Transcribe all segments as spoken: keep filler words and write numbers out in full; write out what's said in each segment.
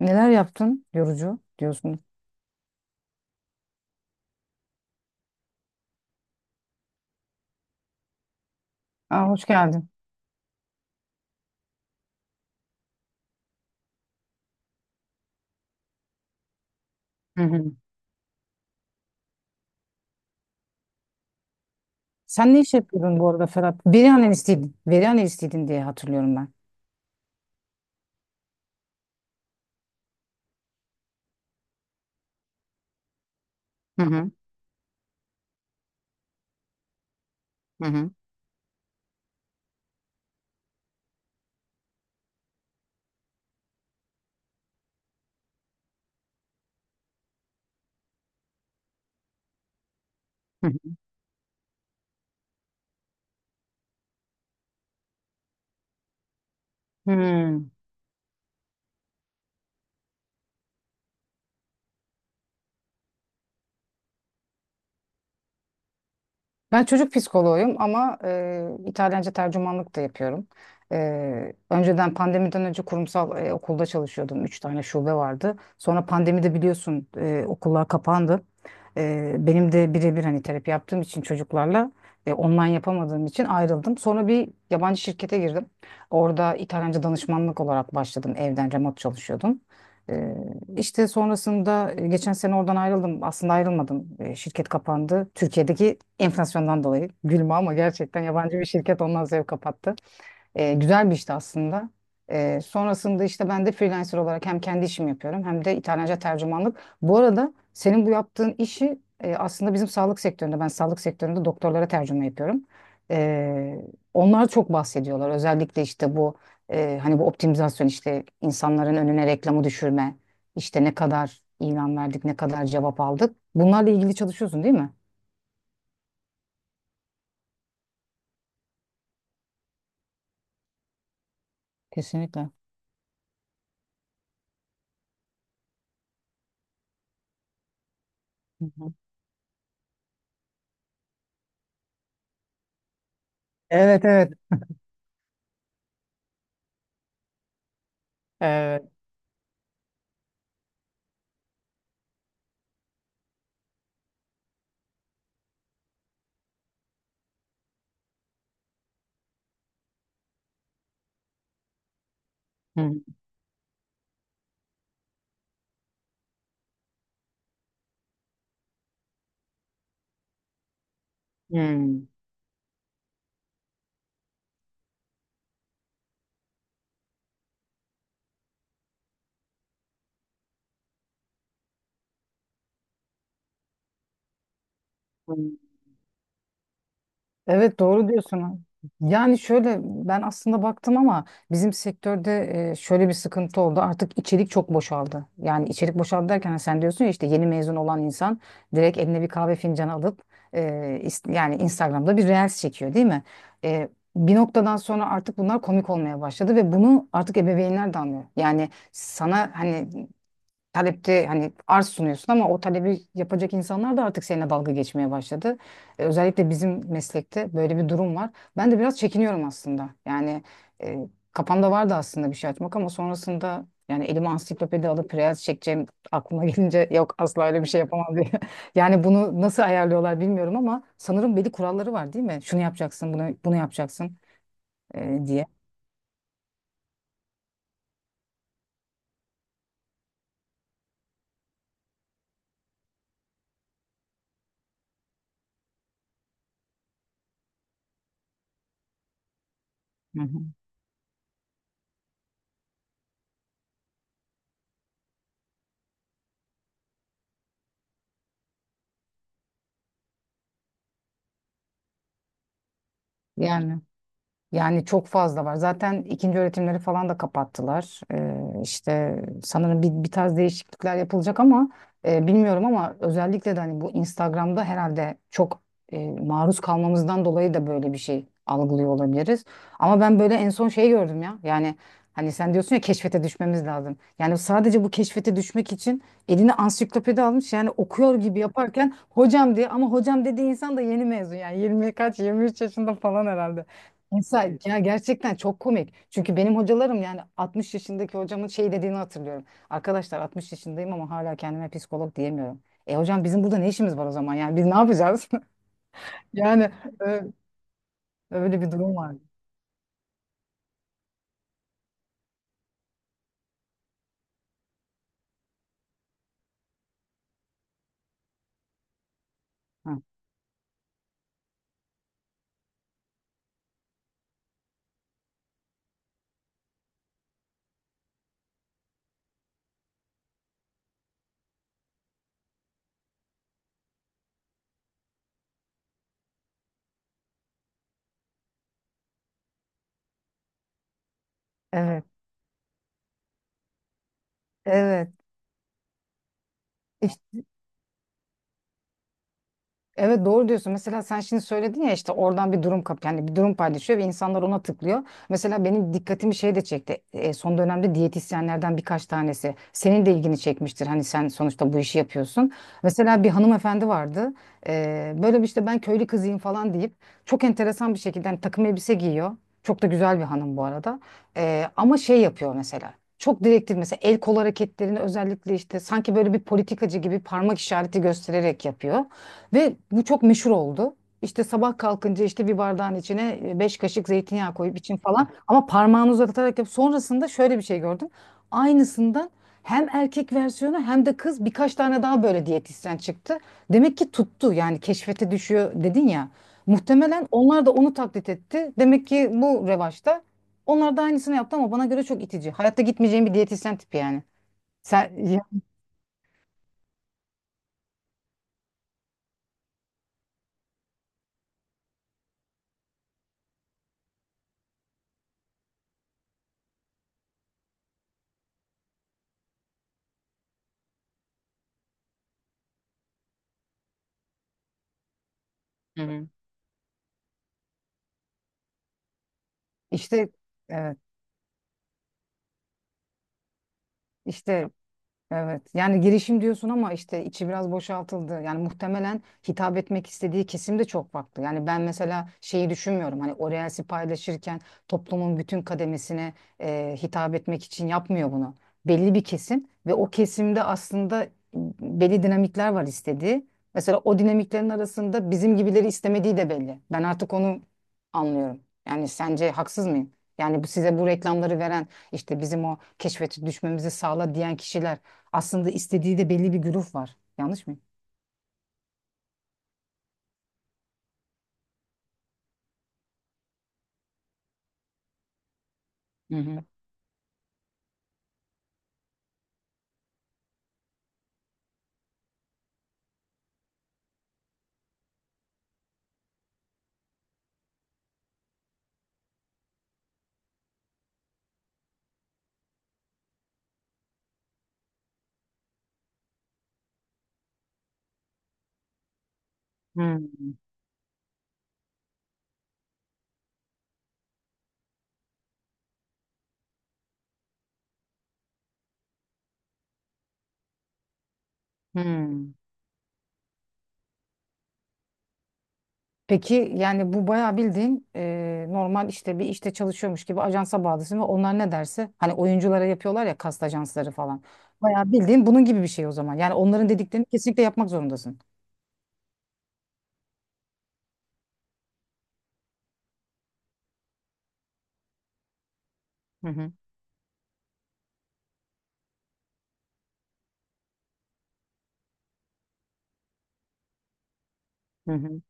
Neler yaptın yorucu diyorsun. Aa, hoş geldin. Hı hı. Sen ne iş yapıyordun bu arada Ferhat? Veri analistiydin. Veri analistiydin diye hatırlıyorum ben. Hı hı. Hı hı. Hı hı. Hı. Ben çocuk psikoloğuyum ama e, İtalyanca tercümanlık da yapıyorum. E, önceden pandemiden önce kurumsal e, okulda çalışıyordum. Üç tane şube vardı. Sonra pandemide biliyorsun e, okullar kapandı. E, benim de birebir hani terapi yaptığım için çocuklarla e, online yapamadığım için ayrıldım. Sonra bir yabancı şirkete girdim. Orada İtalyanca danışmanlık olarak başladım. Evden remote çalışıyordum. İşte sonrasında e, geçen sene oradan ayrıldım. Aslında ayrılmadım. E, Şirket kapandı. Türkiye'deki enflasyondan dolayı. Gülme ama gerçekten yabancı bir şirket ondan zevk kapattı. E, güzel bir işti aslında. E, sonrasında işte ben de freelancer olarak hem kendi işimi yapıyorum hem de İtalyanca tercümanlık. Bu arada senin bu yaptığın işi e, aslında bizim sağlık sektöründe, ben sağlık sektöründe doktorlara tercüme yapıyorum. E, Onlar çok bahsediyorlar. Özellikle işte bu e, hani bu optimizasyon işte insanların önüne reklamı düşürme, işte ne kadar ilan verdik, ne kadar cevap aldık. Bunlarla ilgili çalışıyorsun değil mi? Kesinlikle. Hı hı. Evet, evet. Evet. Hı hı. Hı. Evet, doğru diyorsun. Yani şöyle ben aslında baktım ama bizim sektörde e, şöyle bir sıkıntı oldu. Artık içerik çok boşaldı. Yani içerik boşaldı derken hani sen diyorsun ya işte yeni mezun olan insan direkt eline bir kahve fincanı alıp e, is- yani Instagram'da bir reels çekiyor değil mi? E, Bir noktadan sonra artık bunlar komik olmaya başladı ve bunu artık ebeveynler de anlıyor. Yani sana hani talepte hani arz sunuyorsun ama o talebi yapacak insanlar da artık seninle dalga geçmeye başladı. E, özellikle bizim meslekte böyle bir durum var. Ben de biraz çekiniyorum aslında. Yani e, kafamda vardı aslında bir şey açmak ama sonrasında yani elime ansiklopedi alıp reels çekeceğim aklıma gelince yok asla öyle bir şey yapamam diye. Yani bunu nasıl ayarlıyorlar bilmiyorum ama sanırım belli kuralları var değil mi? Şunu yapacaksın, bunu bunu yapacaksın e, diye. Hı hı. Yani. Yani çok fazla var. Zaten ikinci öğretimleri falan da kapattılar. Ee, işte sanırım bir, bir tarz değişiklikler yapılacak ama e, bilmiyorum ama özellikle de hani bu Instagram'da herhalde çok e, maruz kalmamızdan dolayı da böyle bir şey algılıyor olabiliriz. Ama ben böyle en son şey gördüm ya. Yani hani sen diyorsun ya keşfete düşmemiz lazım. Yani sadece bu keşfete düşmek için eline ansiklopedi almış yani okuyor gibi yaparken hocam diye ama hocam dediği insan da yeni mezun yani yirmi kaç yirmi üç yaşında falan herhalde. Mesela ya gerçekten çok komik. Çünkü benim hocalarım yani altmış yaşındaki hocamın şey dediğini hatırlıyorum. Arkadaşlar altmış yaşındayım ama hala kendime psikolog diyemiyorum. E hocam bizim burada ne işimiz var o zaman? Yani biz ne yapacağız? Yani e, öyle bir durum var. Ha. Evet, evet. Evet, doğru diyorsun. Mesela sen şimdi söyledin ya işte oradan bir durum kap yani bir durum paylaşıyor ve insanlar ona tıklıyor. Mesela benim dikkatimi şey de çekti. E, son dönemde diyetisyenlerden birkaç tanesi. Senin de ilgini çekmiştir. Hani sen sonuçta bu işi yapıyorsun. Mesela bir hanımefendi vardı. E, böyle bir işte ben köylü kızıyım falan deyip çok enteresan bir şekilde hani takım elbise giyiyor. Çok da güzel bir hanım bu arada. E, ama şey yapıyor mesela. Çok direktif mesela el kol hareketlerini özellikle işte sanki böyle bir politikacı gibi parmak işareti göstererek yapıyor. Ve bu çok meşhur oldu. İşte sabah kalkınca işte bir bardağın içine e, beş kaşık zeytinyağı koyup için falan. Ama parmağını uzatarak yap. Sonrasında şöyle bir şey gördüm. Aynısından hem erkek versiyonu hem de kız birkaç tane daha böyle diyetisyen çıktı. Demek ki tuttu yani keşfete düşüyor dedin ya. Muhtemelen onlar da onu taklit etti. Demek ki bu revaçta. Onlar da aynısını yaptı ama bana göre çok itici. Hayatta gitmeyeceğim bir diyetisyen tipi yani. Sen ya. Hı hı. işte evet. işte Evet. Yani girişim diyorsun ama işte içi biraz boşaltıldı. Yani muhtemelen hitap etmek istediği kesim de çok farklı. Yani ben mesela şeyi düşünmüyorum. Hani o reels'i paylaşırken toplumun bütün kademesine e, hitap etmek için yapmıyor bunu. Belli bir kesim ve o kesimde aslında belli dinamikler var istediği. Mesela o dinamiklerin arasında bizim gibileri istemediği de belli. Ben artık onu anlıyorum. Yani sence haksız mıyım? Yani bu size bu reklamları veren işte bizim o keşfete düşmemizi sağla diyen kişiler aslında istediği de belli bir güruh var. Yanlış mıyım? Hı hı. Hmm. Hmm. Peki yani bu bayağı bildiğin e, normal işte bir işte çalışıyormuş gibi ajansa bağlısın ve onlar ne derse hani oyunculara yapıyorlar ya kast ajansları falan. Bayağı bildiğin bunun gibi bir şey o zaman. Yani onların dediklerini kesinlikle yapmak zorundasın. Hı hı. Hı hı.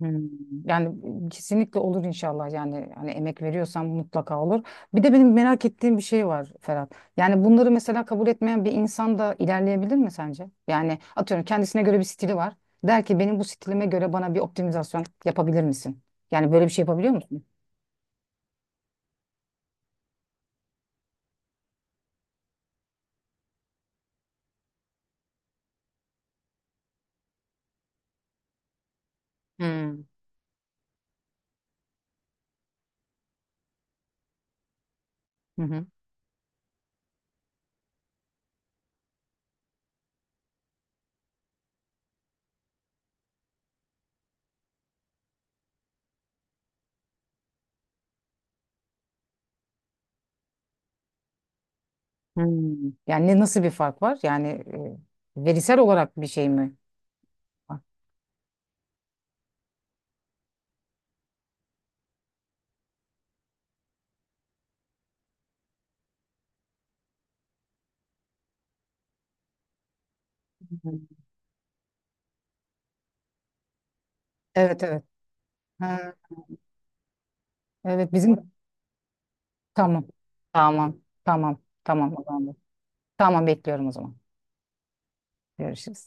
Hmm. Yani kesinlikle olur inşallah yani hani emek veriyorsam mutlaka olur. Bir de benim merak ettiğim bir şey var Ferhat. Yani bunları mesela kabul etmeyen bir insan da ilerleyebilir mi sence? Yani atıyorum kendisine göre bir stili var. Der ki benim bu stilime göre bana bir optimizasyon yapabilir misin? Yani böyle bir şey yapabiliyor musun? Hmm. Hı hı. Hmm. Yani ne- nasıl bir fark var? Yani e, verisel olarak bir şey mi? Hı. Evet, evet. Ha, evet, bizim tamam. Tamam. Tamam. Tamam o zaman. Tamam, bekliyorum o zaman. Görüşürüz.